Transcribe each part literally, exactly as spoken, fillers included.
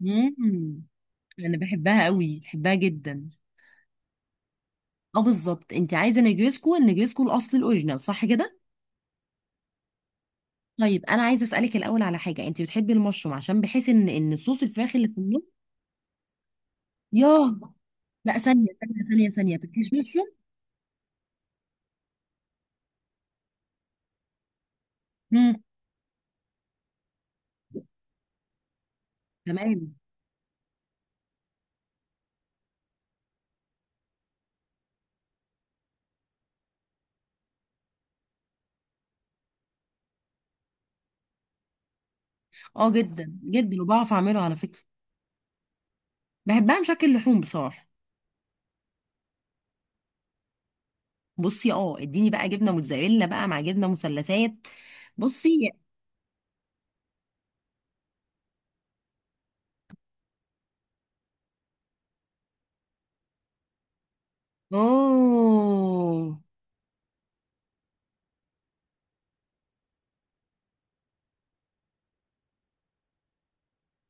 مم. انا بحبها قوي، بحبها جدا. اه، بالظبط، انت عايزه نجريسكو، النجريسكو الاصل الاوريجينال، صح كده؟ طيب، انا عايزه اسالك الاول على حاجه، انت بتحبي المشروم؟ عشان بحيث ان ان صوص الفراخ اللي في النص. ياه! لا، ثانيه ثانيه ثانيه ثانيه، بتكيش مشروم؟ امم. تمام. اه، جدا جدا، وبعرف اعمله على فكره. بحبها مشكل لحوم بصراحه. بصي، اه، اديني بقى جبنه موتزاريلا بقى مع جبنه مثلثات. بصي. اوه.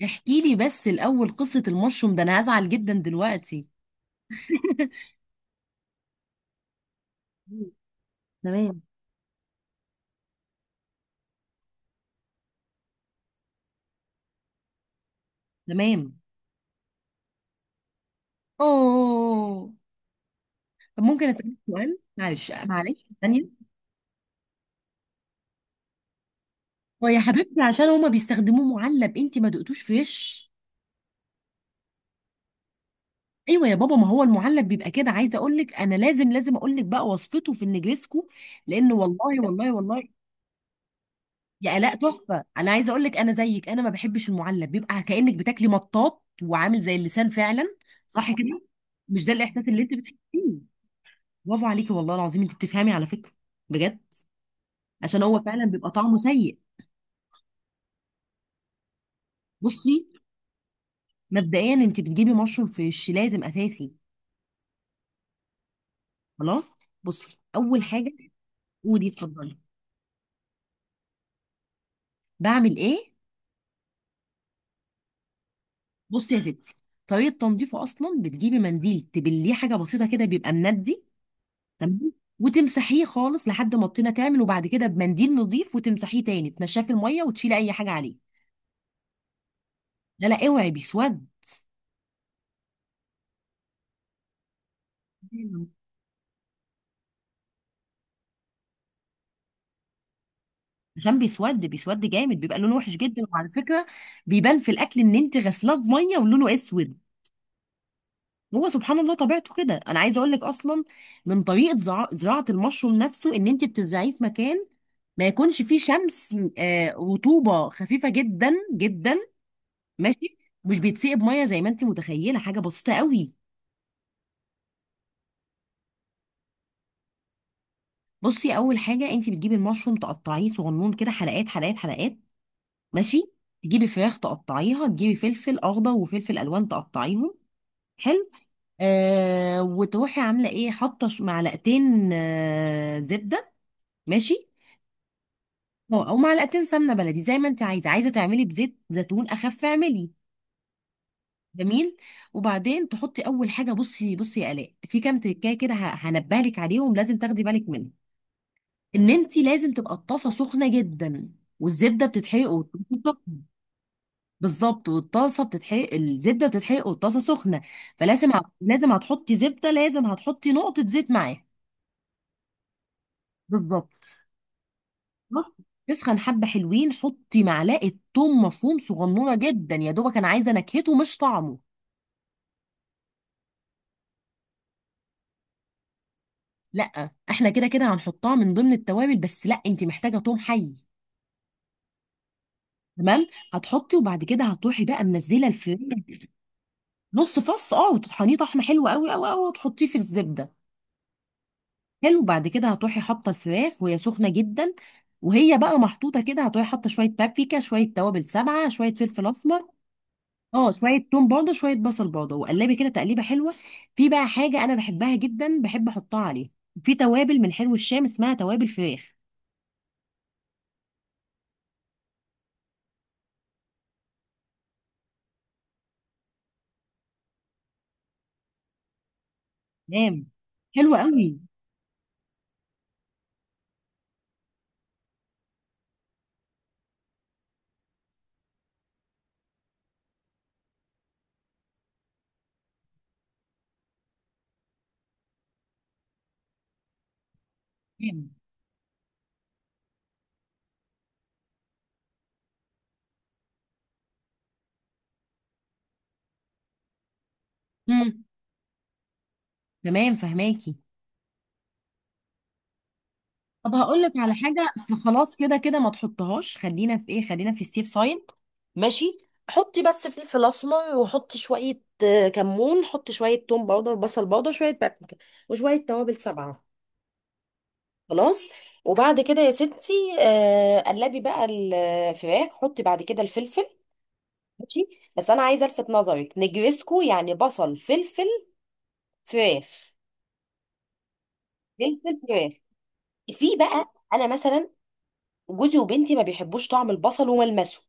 احكي لي بس الأول قصة المشروم ده، أنا هزعل جدا دلوقتي. مم. تمام. تمام. أوه. طب ممكن أسألك سؤال، معلش معلش، ثانية. هو يا حبيبتي، عشان هما بيستخدموه معلب، أنت ما دقتوش فريش؟ أيوة يا بابا، ما هو المعلب بيبقى كده. عايزة أقول لك، أنا لازم لازم أقول لك بقى وصفته في النجريسكو، لأن والله والله والله، يا الاء تحفه. انا عايزه اقول لك، انا زيك، انا ما بحبش المعلب، بيبقى كانك بتاكلي مطاط وعامل زي اللسان فعلا، صح كده؟ مش ده الاحساس اللي انت بتحسيه؟ برافو عليكي والله العظيم، انت بتفهمي على فكره، بجد. عشان هو فعلا بيبقى طعمه سيء. بصي، مبدئيا انت بتجيبي مشروم فيش لازم اساسي. خلاص. بصي، اول حاجه. قولي، اتفضلي. بعمل ايه؟ بصي يا ستي، طريقه تنظيفه اصلا، بتجيبي منديل تبليه حاجه بسيطه كده، بيبقى مندي. تمام. وتمسحيه خالص لحد ما الطينه تعمل، وبعد كده بمنديل نظيف وتمسحيه تاني، تنشفيه في الميه وتشيلي اي حاجه عليه. لا لا، اوعي، بيسود. عشان بيسود بيسود جامد، بيبقى لونه وحش جدا. وعلى فكره، بيبان في الاكل ان انت غسلاه بميه ولونه اسود. هو سبحان الله طبيعته كده. انا عايزه اقول لك، اصلا من طريقه زع- زراعه المشروم نفسه، ان انت بتزرعيه في مكان ما يكونش فيه شمس، آه، رطوبه خفيفه جدا جدا. ماشي. مش بيتسقي بميه زي ما انت متخيله، حاجه بسيطه قوي. بصي، اول حاجه، انت بتجيبي المشروم تقطعيه صغنون كده، حلقات حلقات حلقات. ماشي. تجيبي فراخ تقطعيها، تجيبي فلفل اخضر وفلفل الوان تقطعيهم. حلو. آه، وتروحي عامله ايه، حاطه ش- معلقتين آه زبده. ماشي. او أو معلقتين سمنه بلدي، زي ما انت عايزه، عايزه تعملي بزيت زيتون اخف اعملي. جميل. وبعدين تحطي اول حاجه، بصي بصي يا الاء، في كام تركايه كده ه- هنبهلك عليهم، لازم تاخدي بالك منهم. ان انت لازم تبقى الطاسه سخنه جدا، والزبده بتتحرق والطاسة سخنة. بالظبط، والطاسه بتتحرق، الزبده بتتحرق والطاسه سخنه. فلازم هت- لازم هتحطي زبده، لازم هتحطي نقطه زيت معاها. بالظبط. تسخن حبه حلوين، حطي معلقه ثوم مفروم صغنونه جدا، يا دوبك، انا عايزه نكهته مش طعمه. لا، احنا كده كده هنحطها من ضمن التوابل، بس لا، انت محتاجه ثوم حي. تمام. هتحطي، وبعد كده هتروحي بقى منزله الفرن. نص فص، اه، وتطحنيه طحنه حلوه قوي قوي قوي، وتحطيه في الزبده. حلو. بعد كده هتروحي حاطه الفراخ وهي سخنه جدا، وهي بقى محطوطه كده هتروحي حاطه شويه بابريكا، شويه توابل سبعه، شويه فلفل اسمر. اه، شويه توم برضه، شويه بصل برضه، وقلبي كده تقليبه حلوه. في بقى حاجه انا بحبها جدا، بحب احطها عليه. في توابل من حلو الشام اسمها توابل فراخ. تمام. حلوه قوي. تمام. امم. تمام، فهماكي. طب هقول لك على حاجه، فخلاص كده كده ما تحطهاش، خلينا في ايه، خلينا في السيف سايد. ماشي، حطي بس فلفل اسمر، وحطي شويه آه، كمون، حطي شويه توم باودر، بصل باودر، شويه بابريكا، وشويه توابل سبعه. خلاص. وبعد كده يا ستي، آه، قلبي بقى الفراخ، حطي بعد كده الفلفل. ماشي. بس انا عايزه الفت نظرك، نجرسكو يعني بصل، فلفل، فراخ. فلفل، فراخ. في بقى، انا مثلا جوزي وبنتي ما بيحبوش طعم البصل وملمسه.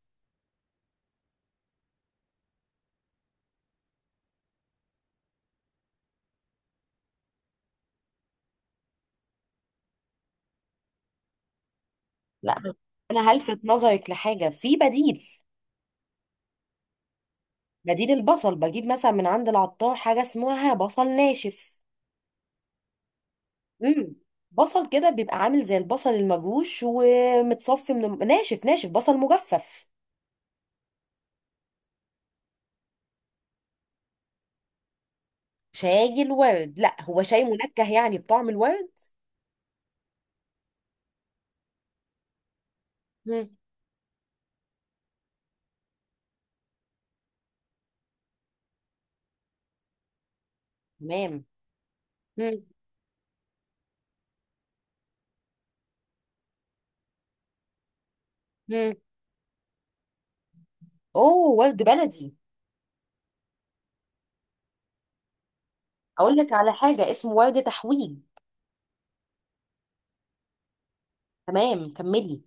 لا بس انا هلفت نظرك لحاجه، في بديل. بديل البصل، بجيب مثلا من عند العطار حاجه اسمها بصل ناشف. امم. بصل كده بيبقى عامل زي البصل المجروش ومتصفي من الم- ناشف، ناشف، بصل مجفف. شاي الورد، لا، هو شاي منكه يعني بطعم الورد. امم. تمام. امم. اوه، ورد بلدي. اقول لك على حاجه اسمه ورد تحويل. تمام، كملي.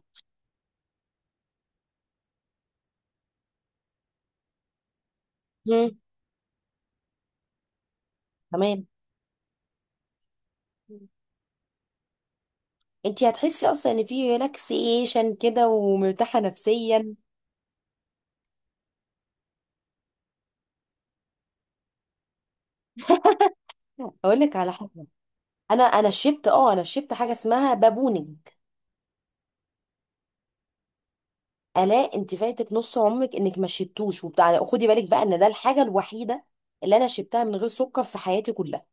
امم. تمام. انتي هتحسي اصلا ان في ريلاكسيشن كده، ومرتاحه نفسيا. اقول لك على حاجه، انا انا شربت، اه، انا شربت حاجه اسمها بابونج. الا، انت فايتك نص عمرك انك ما شربتوش وبتاع، خدي بالك بقى ان ده الحاجه الوحيده اللي انا شربتها من غير سكر في حياتي كلها.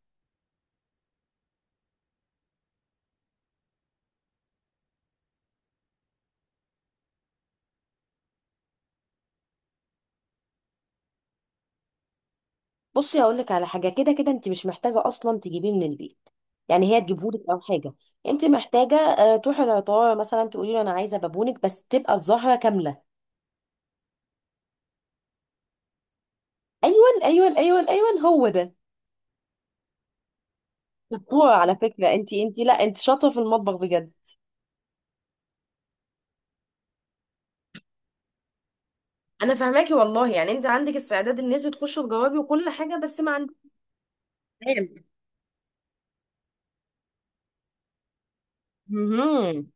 بصي، هقول لك على حاجه، كده كده انت مش محتاجه اصلا تجيبيه من البيت، يعني هي تجيبهولك او حاجه. انت محتاجه، آه، تروحي العطار مثلا تقولي له انا عايزه بابونج، بس تبقى الزهره كامله. ايوه ايوه ايوه ايوه، هو ده. شطورة على فكرة، انت انت لا انت شاطرة في المطبخ بجد. انا فاهماكي والله، يعني انت عندك استعداد ان انت تخشي تجاوبي وكل حاجه، بس ما عندك كلام. مهم.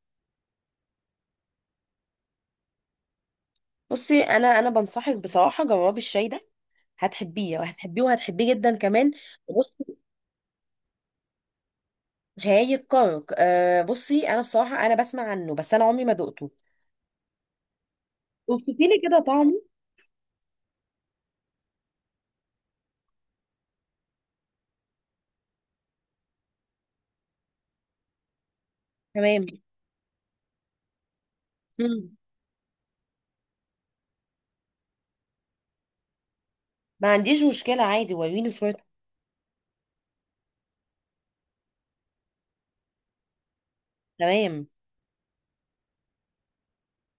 بصي، انا انا بنصحك بصراحة، جربي الشاي ده، هتحبيه وهتحبيه وهتحبيه جدا كمان. بصي. شاي الكرك، آه بصي، انا بصراحة انا بسمع عنه، بس انا عمري ما دقته. وصفي لي كده طعمه. تمام. مم. ما عنديش مشكلة، عادي، وريني صورته. تمام.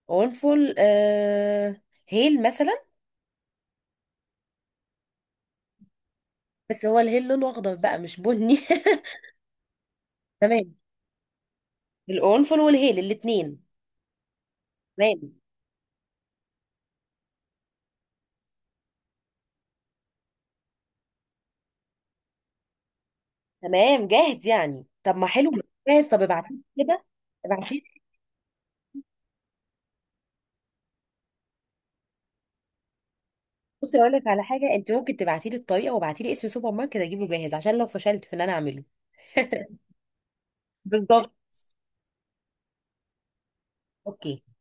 قرنفل، آه. هيل مثلا. بس هو الهيل لونه اخضر بقى، مش بني. تمام، القرنفل والهيل الاثنين. تمام. تمام، جاهز يعني، طب ما حلو. جاهز. طب ابعتي لي كده. ابعتي لي. بصي، اقول لك على حاجه، انت ممكن تبعتي لي الطريقه وابعتي لي اسم سوبر ماركت اجيبه جاهز، عشان لو فشلت في ان انا اعمله. بالظبط. اوكي.